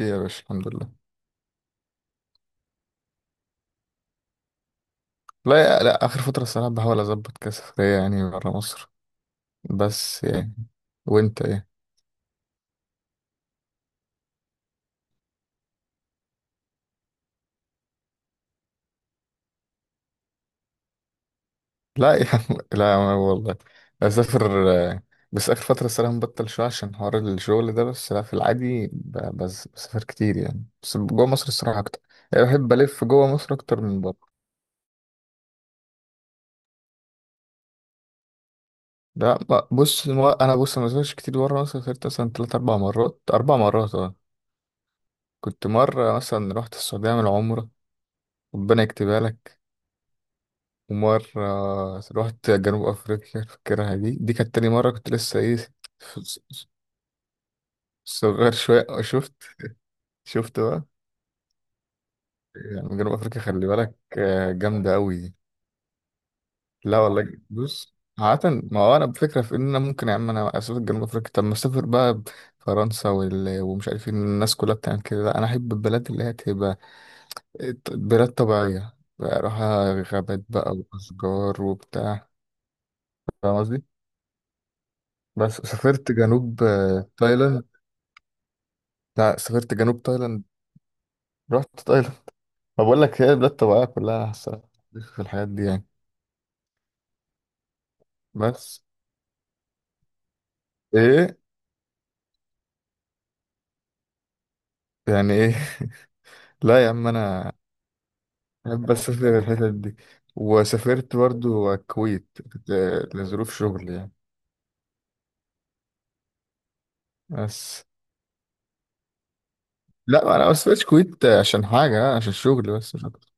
إيه يا باشا، الحمد لله. لا، لا، اخر فتره الصراحه بحاول اظبط كسفريه، يعني بره مصر، بس يعني. وانت ايه؟ لا يا عم، لا، والله اسافر، بس اخر فتره الصراحه مبطل شويه، عشان حوار الشغل ده، بس لا في العادي بس بسافر كتير، يعني بس جوه مصر الصراحه اكتر. يعني بحب الف جوه مصر اكتر من بره. لا، بص، انا بص ما سافرتش كتير بره مصر. سافرت مثلا 3 4 مرات، 4 مرات، اه. كنت مره مثلا رحت السعوديه اعمل عمره. ربنا يكتبها لك. ومرة رحت جنوب أفريقيا، فاكرها دي كانت تاني مرة، كنت لسه إيه، صغير شوية، شفت بقى، يعني جنوب أفريقيا، خلي بالك، جامدة أوي دي. لا والله، بص عادة، ما هو أنا بفكرة في إن أنا ممكن، يا عم أنا أسافر جنوب أفريقيا، طب ما أسافر بقى فرنسا ومش عارفين الناس كلها بتعمل كده. لا، أنا أحب البلاد اللي هي تبقى بلاد طبيعية، بقى أروح غابات بقى، وأشجار وبتاع. فاهم قصدي؟ بس سافرت جنوب، تايلاند. لا سافرت جنوب تايلاند. رحت تايلاند. ما بقول لك هي بلاد طبيعية كلها أحسن في الحاجات دي يعني. بس. ايه؟ يعني ايه؟ لا يا عم، انا بحب اسافر الحتت دي. وسافرت برضو الكويت، لظروف شغل يعني. بس. لا انا ما سافرتش الكويت عشان حاجة، عشان شغل بس، مش اكتر.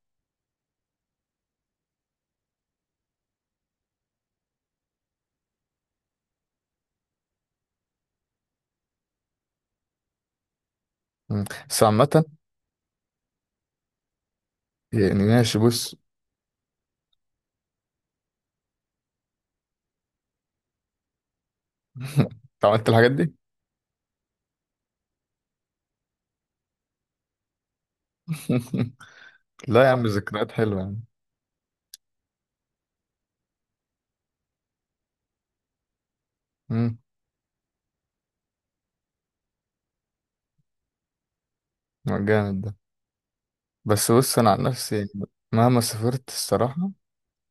مم. بس عامة، يعني ماشي، بص. أنت عملت الحاجات دي؟ لا يا عم، ذكريات حلوة يعني. مم. جامد ده. بس بص، انا عن نفسي مهما سافرت الصراحه،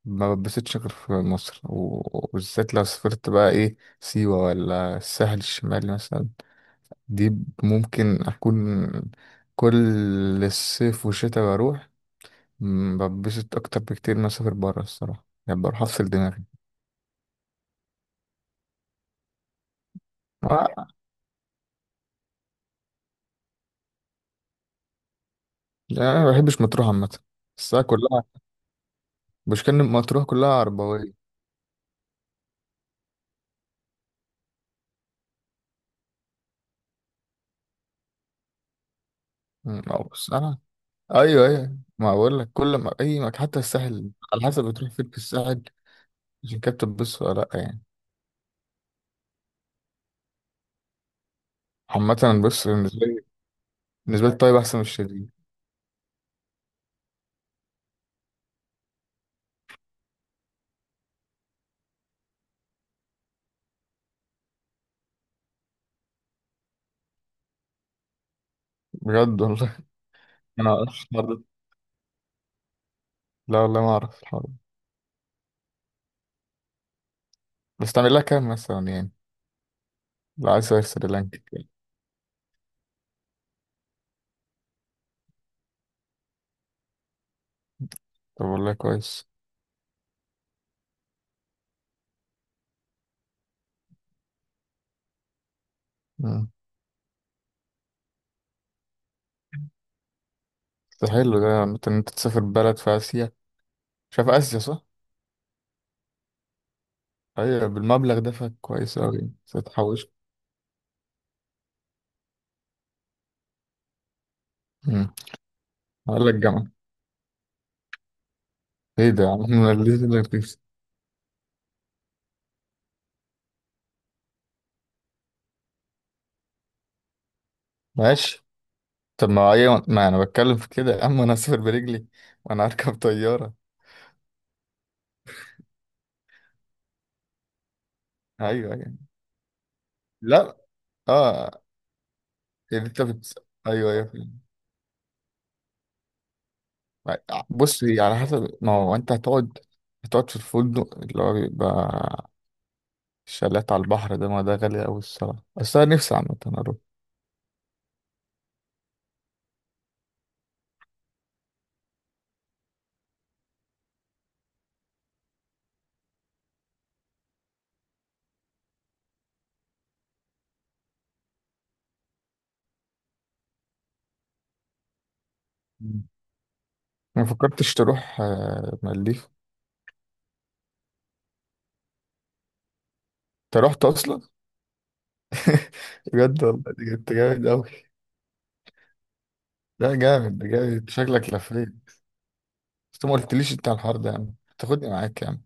ما بتبسطش غير في مصر، وبالذات لو سافرت بقى ايه، سيوه ولا الساحل الشمالي مثلا، دي ممكن اكون كل الصيف والشتاء بروح. بتبسط اكتر بكتير ما اسافر بره الصراحه، يعني بروح افصل دماغي. آه، يعني انا ما بحبش مطروح عامه، بس أنا كلها. مش كان مطروح كلها عربويه. أو بس انا. ايوه، ايوه، ما بقول لك كل ما اي حتى الساحل على حسب بتروح فين في الساحل. الكابتن، بص لا يعني. عامة، بص، بالنسبة لي، بالنسبة لي الطيب أحسن من الشديد. بجد والله. أنا ما أعرفش الحوار ده. لا والله ما أعرف الحوار ده. بس تعمل لها كام مثلا يعني؟ لو عايز تسافر سريلانكا يعني. طب والله كويس. مم. ده حلو ده عامة، إن أنت تسافر بلد في آسيا. شايف آسيا صح؟ أيوة، بالمبلغ ده فكويس أوي يعني، بس هتحوش. أقول لك جامعة. إيه ده يا عم؟ أنا ليه ده رخيص؟ ماشي. طب ما أيوة، ما أنا بتكلم في كده يا عم، أنا أسافر برجلي وأنا أركب طيارة. أيوة يعني. لا، اه. يعني انت ايوه، ايوه، فاهم. بص هي على حسب، ما هو انت هتقعد. هتقعد في الفندق اللي هو بيبقى شالات على البحر، ده ما ده غالي قوي الصراحه، بس انا نفسي عامه اروح. مم. ما فكرتش تروح مالديف؟ انت رحت اصلا؟ بجد والله، انت جامد قوي. لا جامد، ده جامد، شكلك لفيت. بس ما قلتليش انت على الحوار ده يا عم، تاخدني معاك يا عم.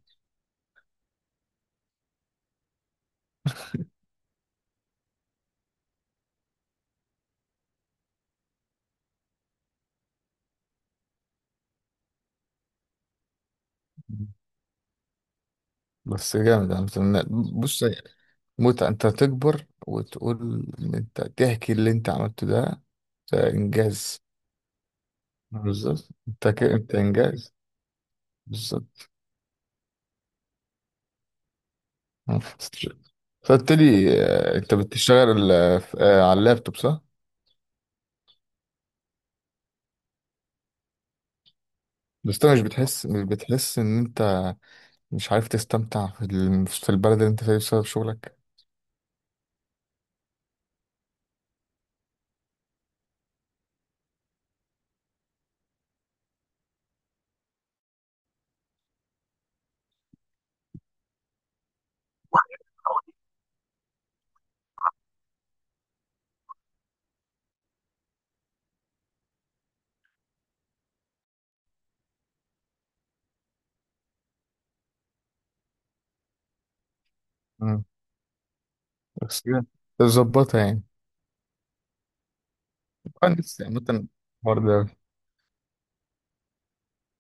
مم. بس جامد يا عم. بص، متعة انت تكبر وتقول ان انت تحكي اللي انت عملته ده. ده انجاز. بالظبط، انت كده انت انجاز. بالظبط. آه. فقلت لي، انت بتشتغل على اللابتوب صح؟ بس انت مش بتحس ان انت مش عارف تستمتع في البلد اللي انت فيها بسبب شغلك. مم. بس كده تظبطها يعني؟ انا نفسي عامة الحوار ده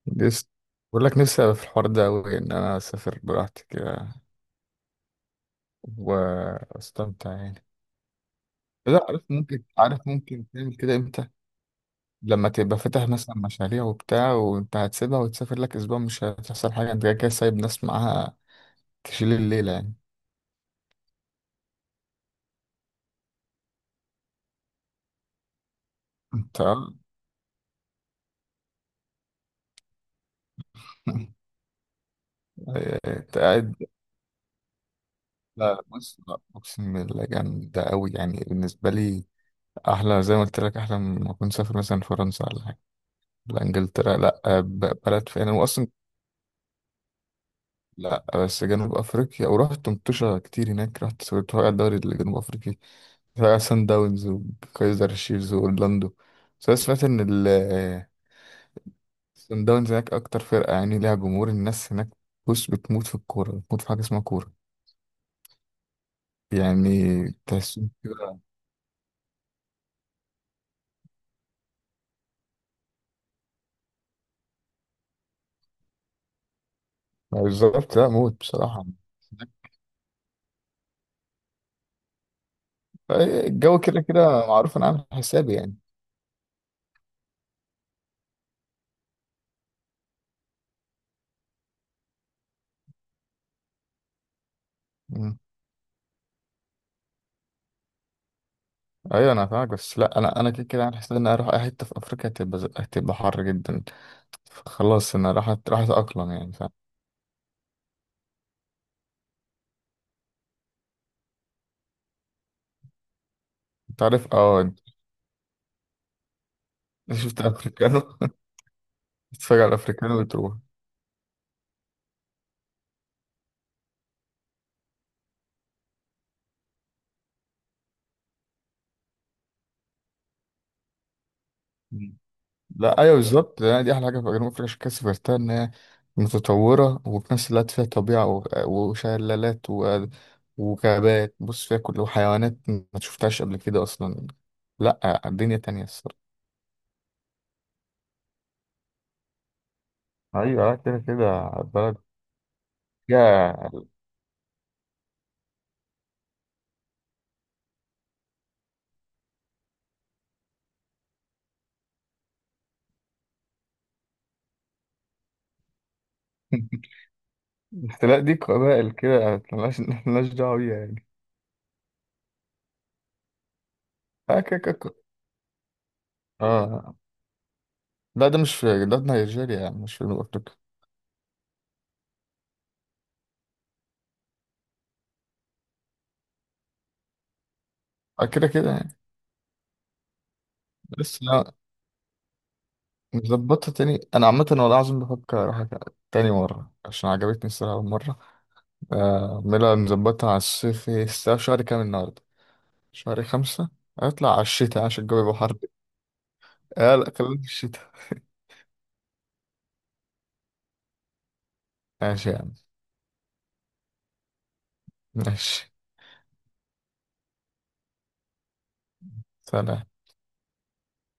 لسه، بقول لك نفسي أبقى في الحوار ده أوي، إن أنا أسافر براحتي كده واستمتع يعني. لا، عارف ممكن تعمل كده امتى؟ لما تبقى فاتح مثلا مشاريع وبتاع، وانت هتسيبها وتسافر لك اسبوع مش هتحصل حاجه، انت كده كده سايب ناس معاها تشيل الليله يعني. انت؟ آه. انت قاعد؟ لا بص، لا اقسم بالله جامده قوي يعني بالنسبه لي، احلى زي ما قلت لك، احلى من ما اكون سافر مثلا فرنسا ولا حاجه، لا انجلترا، لا بلد فين هو اصلا. لا بس جنوب افريقيا، ورحت مطوشه كتير هناك، رحت سوري الدوري الجنوب افريقي، سان داونز وكايزر شيفز وأورلاندو. بس أنا سمعت إن ال سان داونز هناك أكتر فرقة، يعني ليها جمهور الناس هناك. بص بتموت في الكورة، بتموت في حاجة اسمها كورة يعني، تحسهم كده. بالظبط، لا موت بصراحة. الجو كده كده معروف، أنا عامل حسابي يعني. مم. أيوة، أنا فاهمك، بس لا أنا كده كده عامل حسابي إن أنا أروح أي حتة في أفريقيا هتبقى، هتبقى حر جدا. خلاص أنا راح أتأقلم يعني، فاهم. أنت عارف؟ أنت شفت أفريكانو؟ تتفرج على الأفريكانو وتروح. لا ايوه، بالظبط يعني، دي احلى حاجه في جنوب افريقيا، عشان كده سافرتها، ان هي متطوره وفي نفس الوقت فيها طبيعه وشلالات وغابات، بص فيها كل وحيوانات ما شفتهاش قبل كده اصلا. لا الدنيا تانية الصراحه. ايوه، لا كده كده بلد فيها. الاحتلال دي قبائل كده ملهاش دعوه بيها يعني. اه كده كده كده. اه، لا ده مش في، ده في نيجيريا يعني، مش في جنوب افريقيا. آه، كده كده يعني. بس ظبطها تاني، انا عامه والله العظيم بفكر اروح تاني مره عشان عجبتني الصراحه اول مره. اعملها نظبطها على الصيف، الساعه شهر كام النهارده؟ شهر 5. هطلع على الشتاء عشان الجو يبقى حر. اه، لا خلينا في الشتاء. ماشي يا عم. ماشي. سلام.